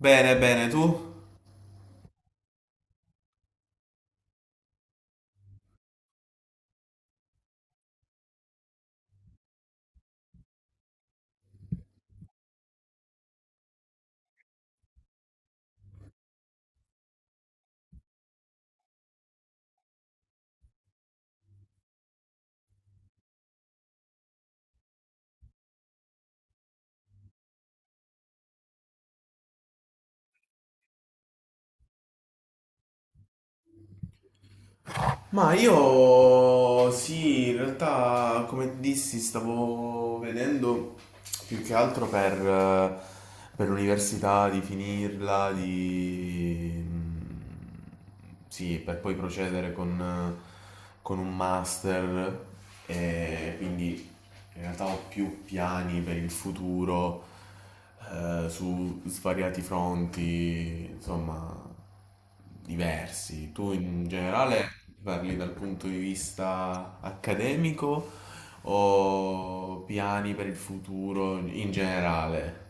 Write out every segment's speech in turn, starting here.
Bene, bene, tu? Ma io sì, in realtà come dissi stavo vedendo più che altro per l'università, di finirla, sì, per poi procedere con un master e quindi in realtà ho più piani per il futuro, su svariati fronti, insomma, diversi. Tu in generale parli dal punto di vista accademico o piani per il futuro in generale?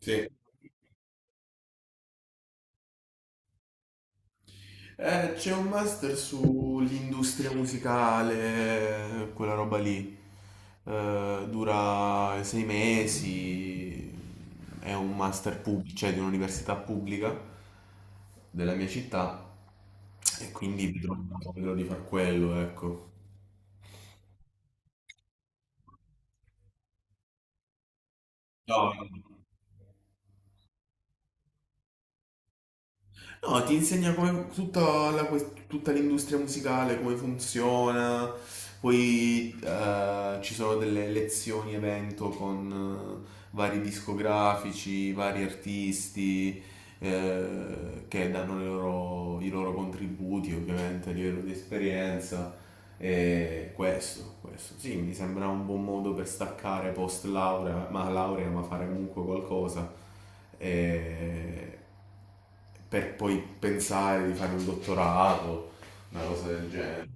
Sì. C'è un master sull'industria musicale, quella roba lì. Dura sei mesi, è un master pubblico, cioè di un'università pubblica della mia città e quindi vedrò di far quello, ecco. No. No, ti insegna come tutta, tutta l'industria musicale, come funziona. Poi ci sono delle lezioni evento con vari discografici, vari artisti, che danno i loro contributi, ovviamente, a livello di esperienza. E questo, sì, mi sembra un buon modo per staccare post laurea, ma fare comunque qualcosa, e per poi pensare di fare un dottorato, una cosa del genere.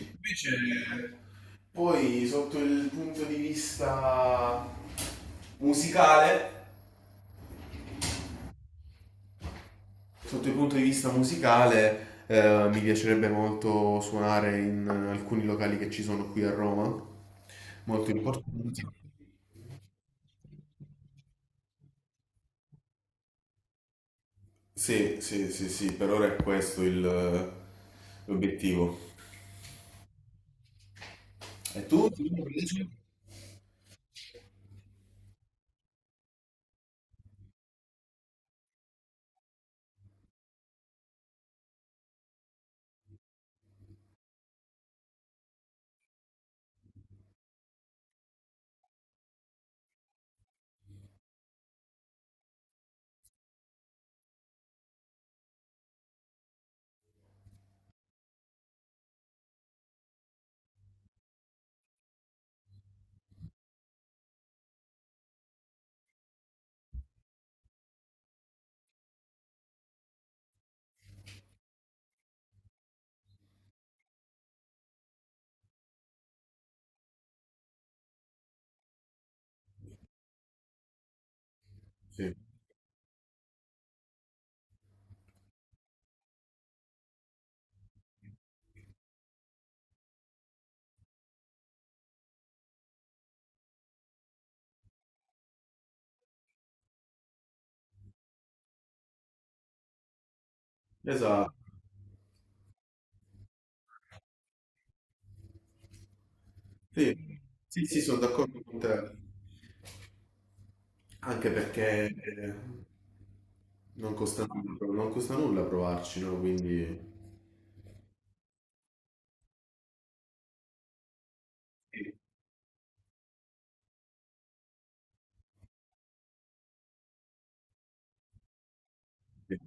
Invece, poi sotto il punto di vista musicale, sotto il punto di vista musicale, mi piacerebbe molto suonare in alcuni locali che ci sono qui a Roma, molto importanti. Sì, sì, sì, sì, per ora è l'obiettivo. E tu? Sì, invece? Sì, esatto. Sì, sì, sì, sono d'accordo con te, anche perché non costa nulla, non costa nulla provarci, no? Quindi... Sì.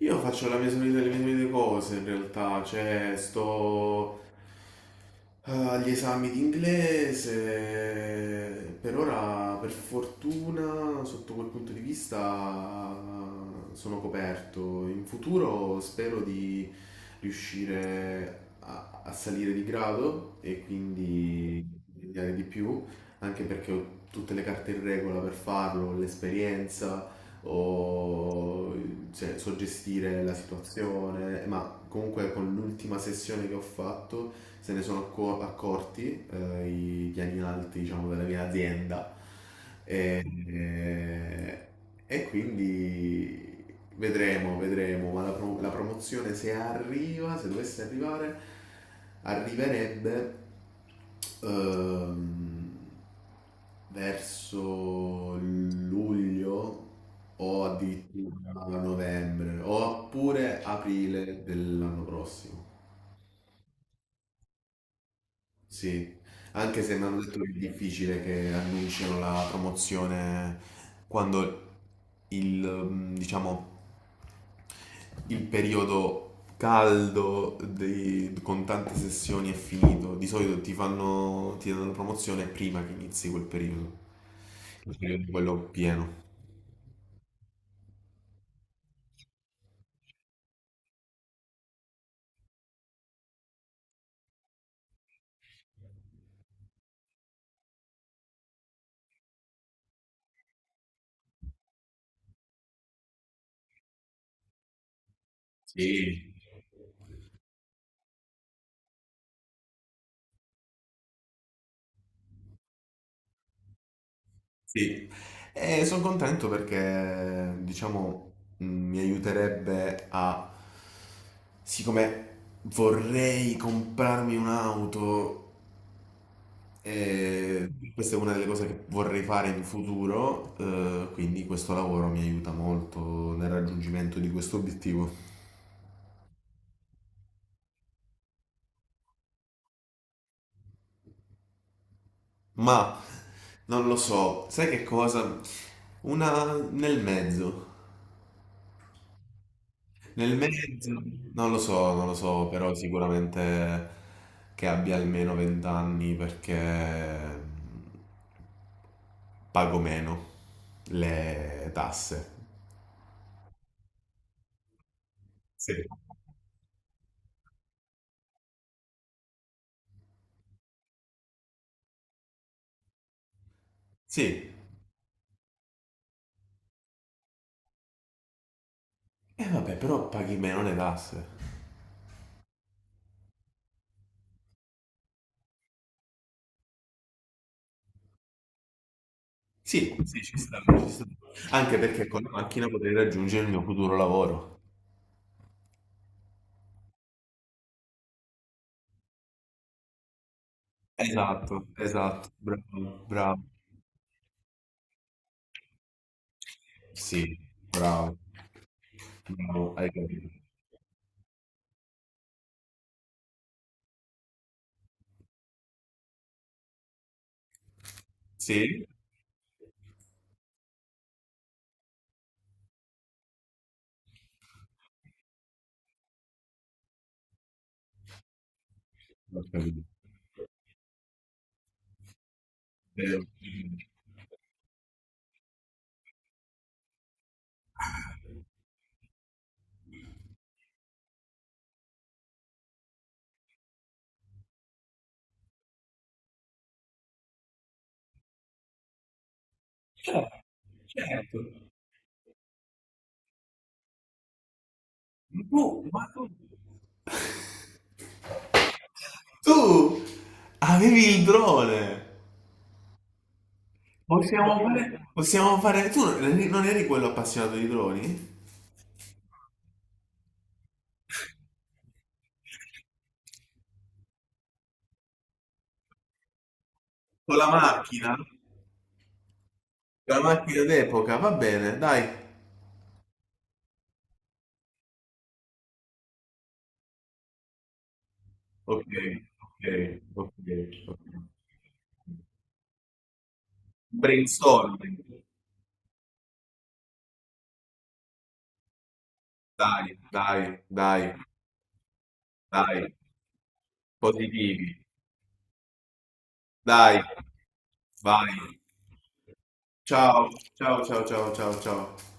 Io faccio la mia solita, le mie solite cose in realtà, cioè sto, agli esami di inglese, per ora per fortuna sotto quel punto di vista, sono coperto, in futuro spero di riuscire a salire di grado e quindi studiare di più, anche perché ho tutte le carte in regola per farlo, l'esperienza o, cioè, so gestire la situazione, ma comunque con l'ultima sessione che ho fatto se ne sono accorti, i piani alti, diciamo, della mia azienda e, e- e quindi vedremo, ma la promozione se arriva, se dovesse arrivare, arriverebbe ehm, verso luglio o addirittura a novembre oppure aprile dell'anno prossimo. Sì, anche se mi hanno detto che è difficile che annunciano la promozione quando diciamo, il periodo con tante sessioni è finito. Di solito ti fanno, ti danno la promozione prima che inizi quel periodo, il periodo quello pieno. Sì. Sì, e sono contento perché diciamo mi aiuterebbe a, siccome vorrei comprarmi un'auto, e questa è una delle cose che vorrei fare in futuro, quindi questo lavoro mi aiuta molto nel raggiungimento di questo obiettivo. Ma non lo so, sai che cosa? Una nel mezzo. Nel mezzo, non lo so, non lo so, però sicuramente che abbia almeno 20 anni perché pago meno le tasse. Sì. Sì, e vabbè, però paghi meno le tasse. Sì, sì, ci sta, ci sta. Anche perché con la macchina potrei raggiungere il mio futuro lavoro. Esatto, esatto, bravo, bravo. Sì, bravo, bravo, hai capito. Sì, ho capito. Vero. Ma tu avevi il drone. Possiamo fare... Possiamo fare... Tu non eri quello appassionato di droni? Con la macchina? Con la macchina d'epoca, va bene, dai. Ok, ok, ok, ok. Brainstorming. Dai, dai, dai, dai. Positivi. Dai, vai. Ciao, ciao, ciao, ciao, ciao, ciao.